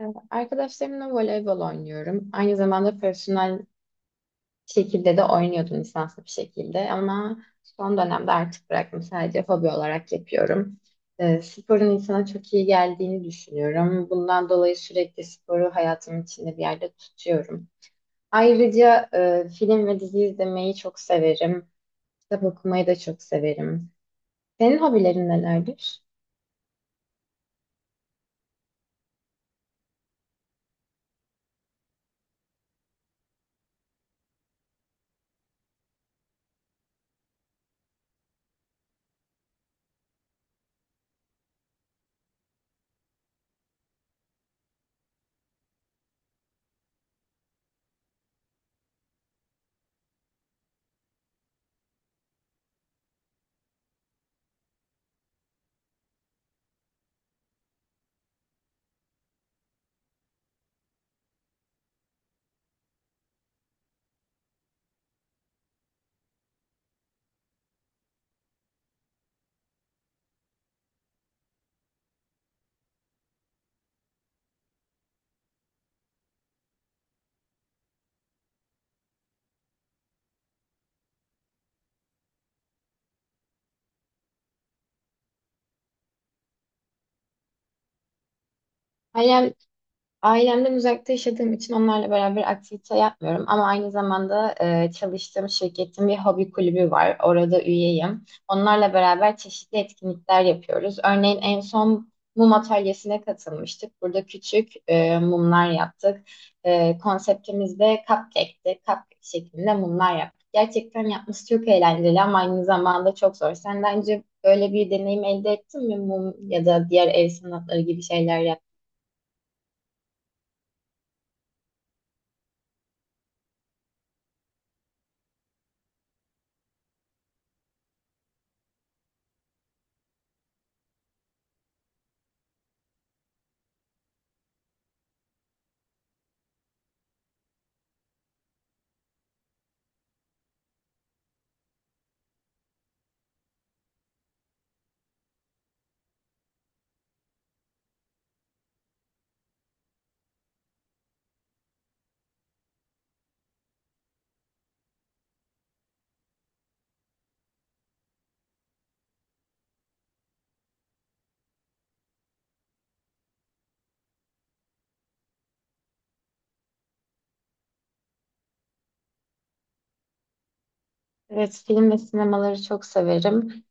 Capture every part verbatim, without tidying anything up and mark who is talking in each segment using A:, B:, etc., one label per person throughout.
A: Ee, Arkadaşlarımla voleybol oynuyorum. Aynı zamanda profesyonel şekilde de oynuyordum lisanslı bir şekilde ama son dönemde artık bıraktım. Sadece hobi olarak yapıyorum. Ee, sporun insana çok iyi geldiğini düşünüyorum. Bundan dolayı sürekli sporu hayatımın içinde bir yerde tutuyorum. Ayrıca e, film ve dizi izlemeyi çok severim. Kitap okumayı da çok severim. Senin hobilerin nelerdir? Ailemden uzakta yaşadığım için onlarla beraber aktivite yapmıyorum ama aynı zamanda e, çalıştığım şirketin bir hobi kulübü var. Orada üyeyim. Onlarla beraber çeşitli etkinlikler yapıyoruz. Örneğin en son mum atölyesine katılmıştık. Burada küçük e, mumlar yaptık. E, konseptimiz de cupcake'ti. Cupcake şeklinde mumlar yaptık. Gerçekten yapması çok eğlenceli ama aynı zamanda çok zor. Sen daha önce böyle bir deneyim elde ettin mi mum ya da diğer el sanatları gibi şeyler? Evet, film ve sinemaları çok severim.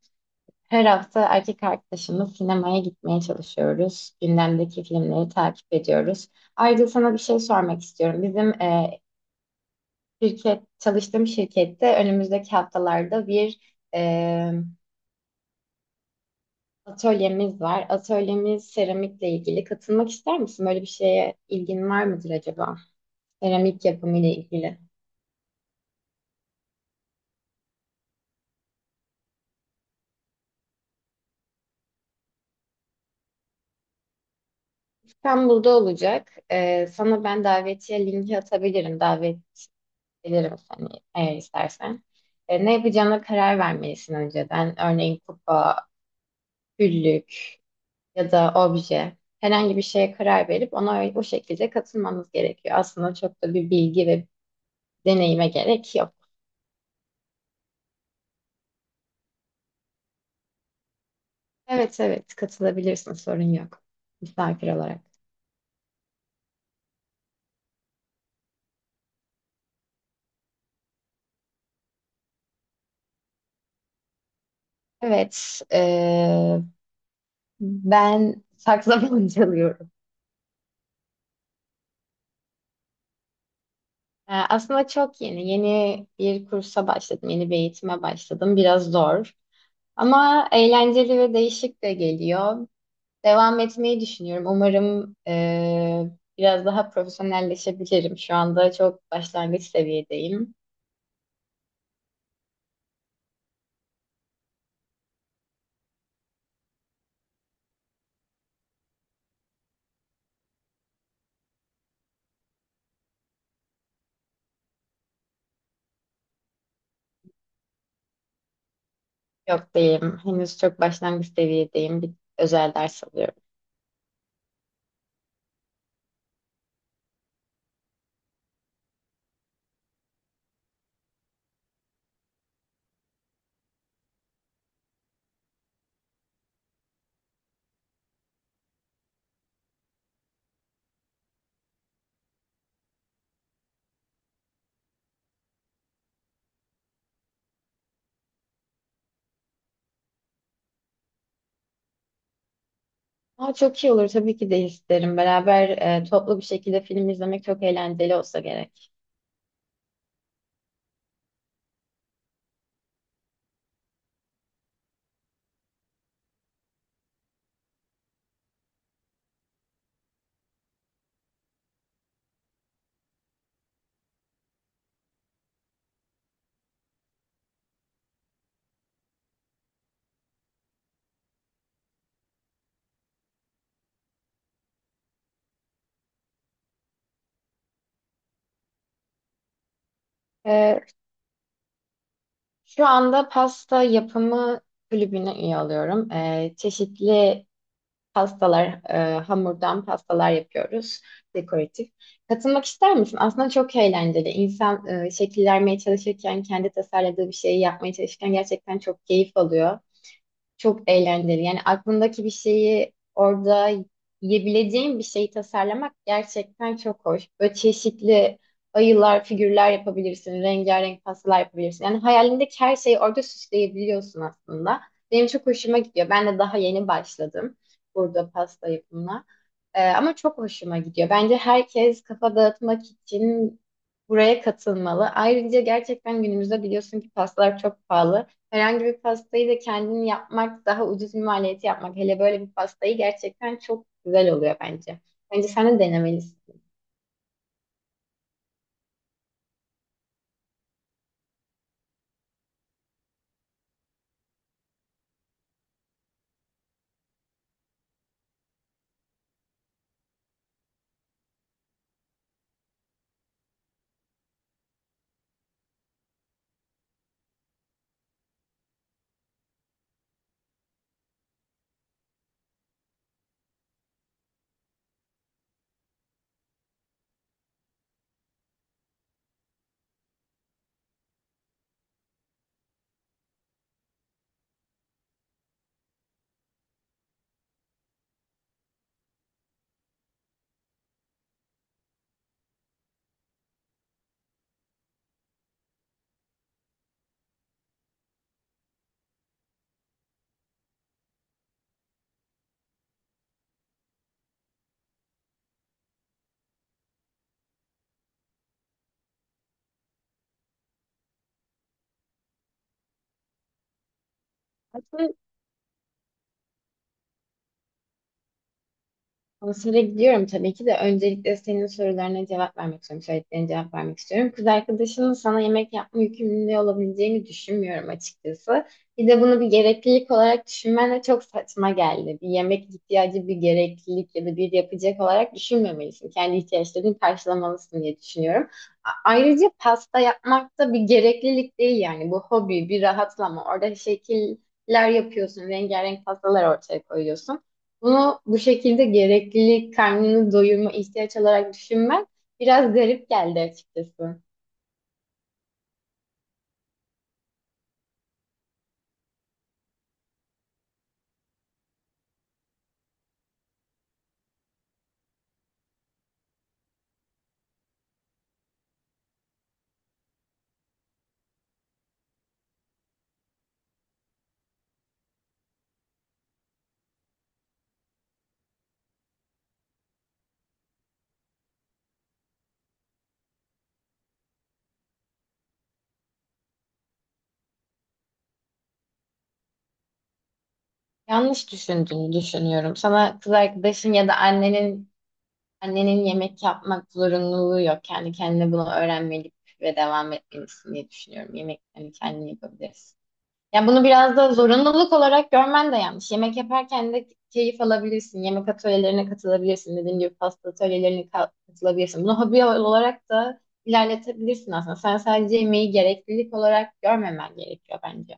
A: Her hafta erkek arkadaşımla sinemaya gitmeye çalışıyoruz. Gündemdeki filmleri takip ediyoruz. Ayrıca sana bir şey sormak istiyorum. Bizim e, şirket, çalıştığım şirkette önümüzdeki haftalarda bir e, atölyemiz var. Atölyemiz seramikle ilgili. Katılmak ister misin? Böyle bir şeye ilgin var mıdır acaba? Seramik yapımı ile ilgili. İstanbul'da olacak. E, sana ben davetiye linki atabilirim. Davet gelirim seni eğer istersen. E, ne yapacağına karar vermelisin önceden. Örneğin kupa, güllük ya da obje. Herhangi bir şeye karar verip ona ö- o şekilde katılmamız gerekiyor. Aslında çok da bir bilgi ve deneyime gerek yok. Evet, evet, katılabilirsin, sorun yok. Misafir olarak. Evet, e, ben saksafon çalıyorum. E, aslında çok yeni. Yeni bir kursa başladım. Yeni bir eğitime başladım. Biraz zor. Ama eğlenceli ve değişik de geliyor. Devam etmeyi düşünüyorum. Umarım e, biraz daha profesyonelleşebilirim. Şu anda çok başlangıç seviyedeyim. Yok, değilim. Henüz çok başlangıç seviyedeyim. Bir özel ders alıyorum. Aa, çok iyi olur, tabii ki de isterim. Beraber e, toplu bir şekilde film izlemek çok eğlenceli olsa gerek. E, şu anda pasta yapımı kulübüne üye oluyorum. E, çeşitli pastalar, e, hamurdan pastalar yapıyoruz, dekoratif. Katılmak ister misin? Aslında çok eğlenceli. İnsan e, şekil vermeye çalışırken, kendi tasarladığı bir şeyi yapmaya çalışırken gerçekten çok keyif alıyor. Çok eğlenceli. Yani aklındaki bir şeyi orada, yiyebileceğin bir şeyi tasarlamak gerçekten çok hoş. Böyle çeşitli ayılar, figürler yapabilirsin. Rengarenk pastalar yapabilirsin. Yani hayalindeki her şeyi orada süsleyebiliyorsun aslında. Benim çok hoşuma gidiyor. Ben de daha yeni başladım burada pasta yapımına. Ee, ama çok hoşuma gidiyor. Bence herkes kafa dağıtmak için buraya katılmalı. Ayrıca gerçekten günümüzde biliyorsun ki pastalar çok pahalı. Herhangi bir pastayı da kendin yapmak daha ucuz bir maliyeti yapmak. Hele böyle bir pastayı gerçekten çok güzel oluyor bence. Bence sen de denemelisin. Konsere gidiyorum tabii ki de. Öncelikle senin sorularına cevap vermek istiyorum. Söylediklerine cevap vermek istiyorum. Kız arkadaşının sana yemek yapma yükümlülüğü olabileceğini düşünmüyorum açıkçası. Bir de bunu bir gereklilik olarak düşünmen de çok saçma geldi. Bir yemek ihtiyacı bir gereklilik ya da bir yapacak olarak düşünmemelisin. Kendi ihtiyaçlarını karşılamalısın diye düşünüyorum. A- Ayrıca pasta yapmak da bir gereklilik değil yani. Bu hobi, bir rahatlama. Orada şekiller yapıyorsun, rengarenk pastalar ortaya koyuyorsun. Bunu bu şekilde gereklilik, karnını doyurma, ihtiyaç olarak düşünmek biraz garip geldi açıkçası. Yanlış düşündüğünü düşünüyorum. Sana kız arkadaşın ya da annenin annenin yemek yapmak zorunluluğu yok. Kendi kendine bunu öğrenmeli ve devam etmelisin diye düşünüyorum. Yemek hani kendin yapabilirsin. Yani bunu biraz da zorunluluk olarak görmen de yanlış. Yemek yaparken de keyif alabilirsin. Yemek atölyelerine katılabilirsin. Dediğim gibi pasta atölyelerine ka- katılabilirsin. Bunu hobi olarak da ilerletebilirsin aslında. Sen sadece yemeği gereklilik olarak görmemen gerekiyor bence.